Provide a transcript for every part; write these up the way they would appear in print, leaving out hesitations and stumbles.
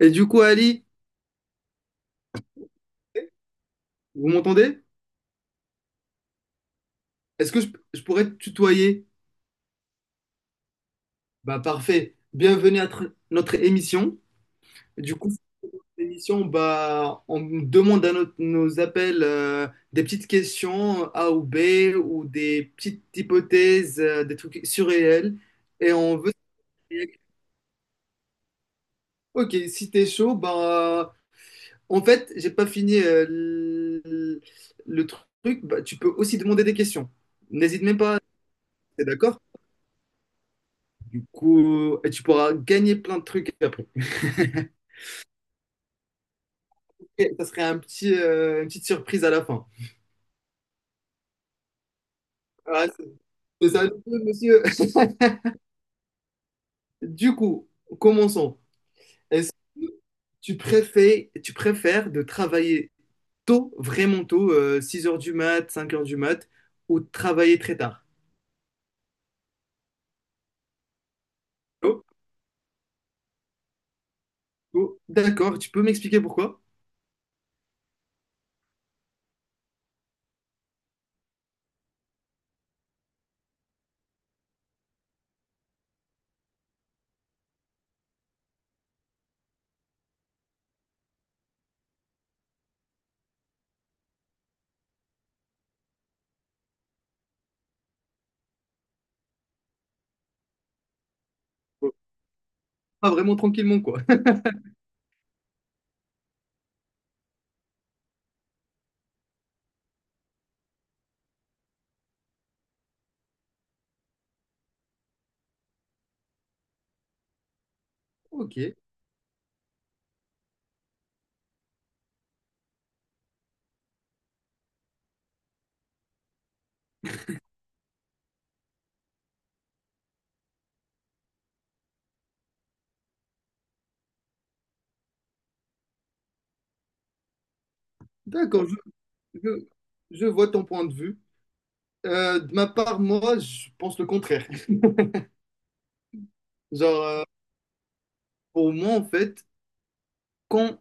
Et du coup, Ali, vous m'entendez? Est-ce que je pourrais te tutoyer? Bah parfait. Bienvenue à notre émission. Du coup, cette émission, bah, on demande à nos appels des petites questions A ou B ou des petites hypothèses, des trucs surréels. Et on veut. Ok, si t'es chaud, bah en fait, j'ai pas fini le truc. Bah, tu peux aussi demander des questions. N'hésite même pas. T'es d'accord? Du coup, et tu pourras gagner plein de trucs après. Et ça serait un une petite surprise à la fin. Ah, c'est ça, le jeu, monsieur. Du coup, commençons. Est-ce que tu préfères de travailler tôt, vraiment tôt, 6 heures du mat, 5 heures du mat, ou de travailler très tard? Oh, oh, d'accord, tu peux m'expliquer pourquoi? Oh, pas vraiment tranquillement, quoi. Ok, d'accord, je- je vois ton point de vue. De ma part, moi, je pense le contraire. Genre, pour moi, en fait, quand,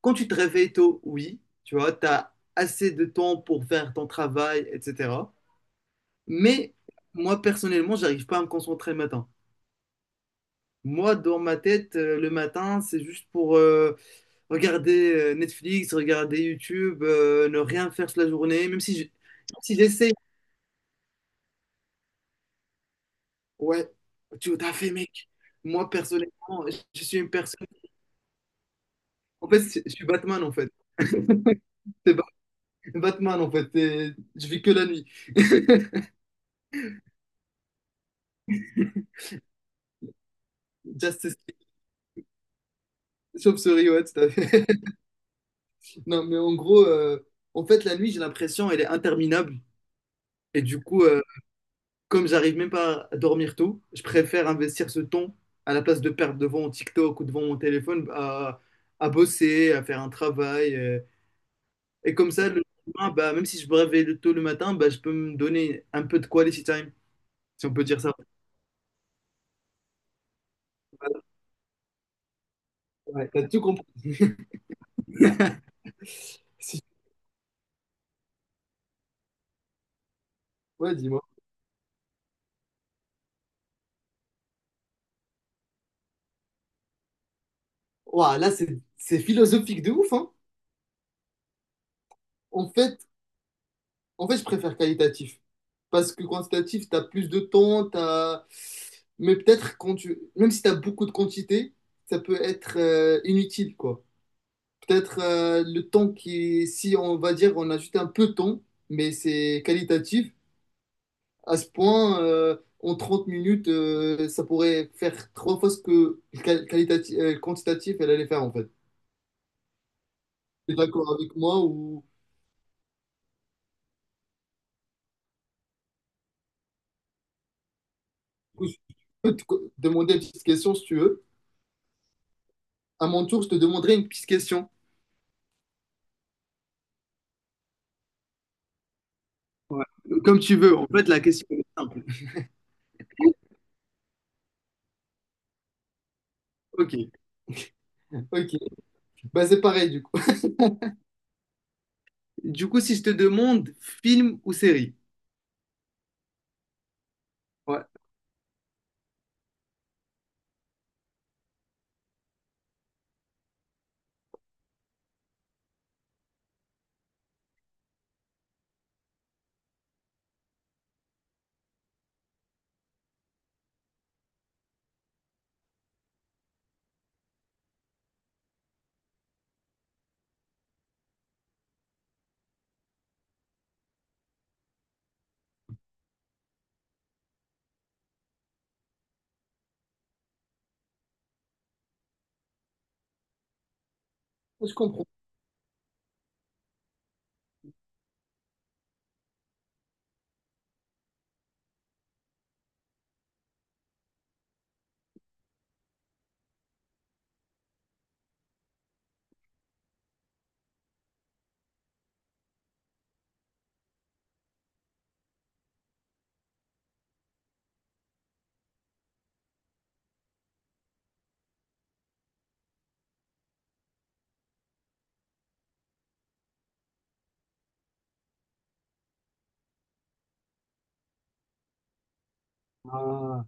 quand tu te réveilles tôt, oui, tu vois, tu as assez de temps pour faire ton travail, etc. Mais moi, personnellement, j'arrive pas à me concentrer le matin. Moi, dans ma tête, le matin, c'est juste pour regarder Netflix, regarder YouTube, ne rien faire sur la journée, même si même si j'essaie. Ouais, tu t'as fait, mec. Moi, personnellement, je suis une personne. En fait, je suis Batman, en fait. C'est Ba- Batman, en fait. Et je vis que la nuit. Justice sauf souris, ouais, tout à fait. Non, mais en gros, en fait, la nuit, j'ai l'impression, elle est interminable. Et du coup, comme j'arrive même pas à dormir tôt, je préfère investir ce temps à la place de perdre devant mon TikTok ou devant mon à bosser, à faire un travail. Euh, et comme ça, le lendemain, bah, même si je me réveille tôt le matin, bah, je peux me donner un peu de quality time, si on peut dire ça. Ouais, t'as tout compris. Si, ouais, dis-moi. Ouah, là, c'est philosophique de ouf, hein. En fait, en fait, je préfère qualitatif. Parce que quantitatif, tu as plus de temps, t'as… mais peut-être quand tu… même si tu as beaucoup de quantité, ça peut être inutile, quoi. Peut-être le temps qui, si on va dire, on a juste un peu de temps, mais c'est qualitatif, à ce point, en 30 minutes, ça pourrait faire trois fois ce que le le quantitatif, elle allait faire, en fait. Tu es d'accord avec moi ou… ou je peux te demander une petite question si tu veux. À mon tour, je te demanderai une petite question. Ouais. Comme tu veux. En fait, la question est simple. Ok, ok. Bah, c'est pareil du coup. Du coup, si je te demande film ou série? Ouais. Je comprends. Ah.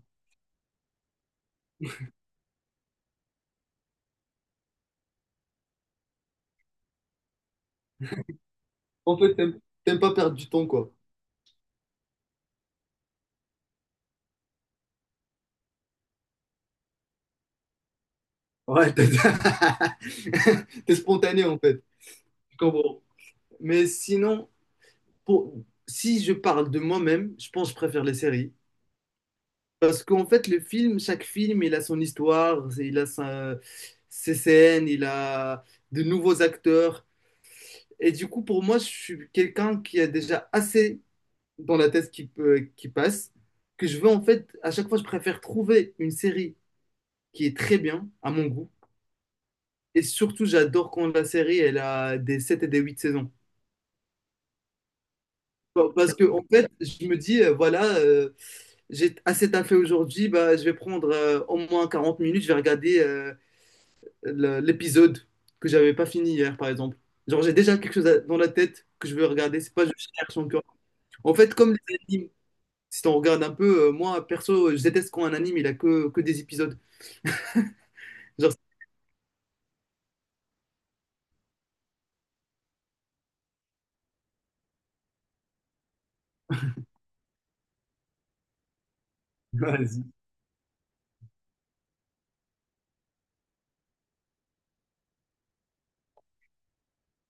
En fait, t'aimes pas perdre du temps, quoi. Ouais, t'as… T'es spontané, en fait. Je comprends. Mais sinon, pour… si je parle de moi-même, je pense que je préfère les séries. Parce qu'en fait, le film, chaque film, il a son histoire, il a ses scènes, il a de nouveaux acteurs. Et du coup, pour moi, je suis quelqu'un qui a déjà assez dans la tête qui, peut- qui passe, que je veux en fait, à chaque fois, je préfère trouver une série qui est très bien, à mon goût. Et surtout, j'adore quand la série, elle a des 7 et des 8 saisons. Parce que, en fait, je me dis, voilà, j'ai assez taffé aujourd'hui, bah, je vais prendre au moins 40 minutes, je vais regarder l'épisode que j'avais pas fini hier, par exemple. Genre, j'ai déjà quelque chose dans la tête que je veux regarder, c'est pas je cherche encore. En fait, comme les animes, si on regarde un peu, moi, perso, je déteste quand un anime, il a que des épisodes. Genre, vas-y.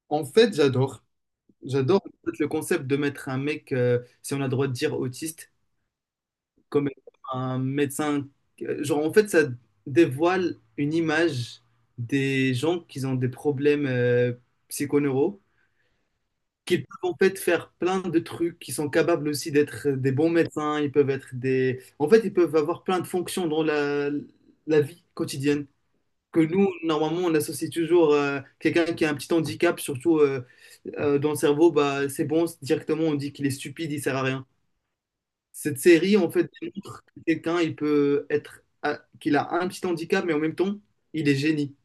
En fait, j'adore. J'adore en fait, le concept de mettre un mec, si on a le droit de dire autiste, comme un médecin. Euh, genre, en fait, ça dévoile une image des gens qui ont des problèmes psychoneuraux, qu'ils peuvent en fait faire plein de trucs, qui sont capables aussi d'être des bons médecins, ils peuvent être des… En fait, ils peuvent avoir plein de fonctions dans la vie quotidienne. Que nous, normalement, on associe toujours quelqu'un qui a un petit handicap, surtout dans le cerveau, bah, c'est bon, directement on dit qu'il est stupide, il sert à rien. Cette série, en fait, démontre que quelqu'un, il peut qu'il a un petit handicap, mais en même temps, il est génie,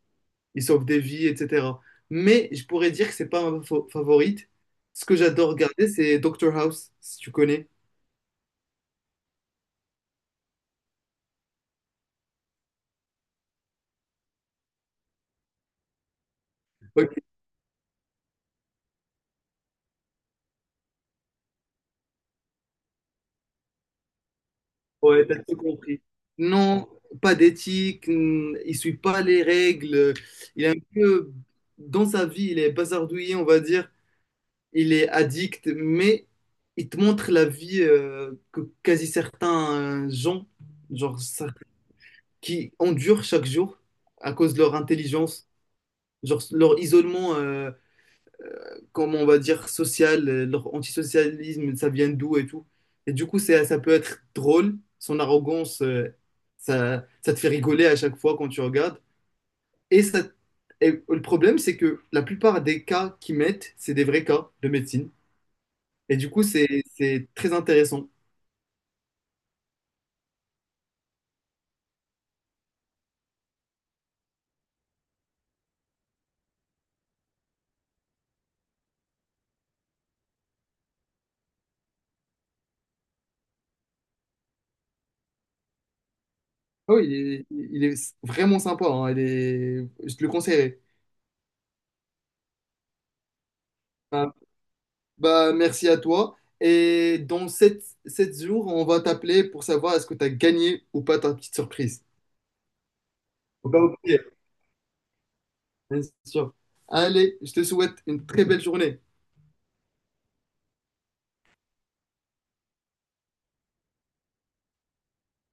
il sauve des vies, etc. Mais je pourrais dire que c'est pas ma favorite. Ce que j'adore regarder, c'est Doctor House, si tu connais. Ouais, t'as tout compris. Non, pas d'éthique, hmm, il suit pas les règles, il est un peu, dans sa vie, il est bazardouillé, on va dire, il est addict, mais il te montre la vie que quasi certains gens, genre, ça- qui endurent chaque jour à cause de leur intelligence, genre leur isolement, comment on va dire, social, leur antisocialisme, ça vient d'où et tout. Et du coup, ça peut être drôle. Son arrogance, ça te fait rigoler à chaque fois quand tu regardes. Et ça, et le problème, c'est que la plupart des cas qu'ils mettent, c'est des vrais cas de médecine. Et du coup, c'est très intéressant. Oh, il est vraiment sympa, hein. Il est, je te le conseillerais. Bah, bah, merci à toi. Et dans sept jours, on va t'appeler pour savoir est-ce que tu as gagné ou pas ta petite surprise. Faut pas oublier, bien sûr. Allez, je te souhaite une très belle journée.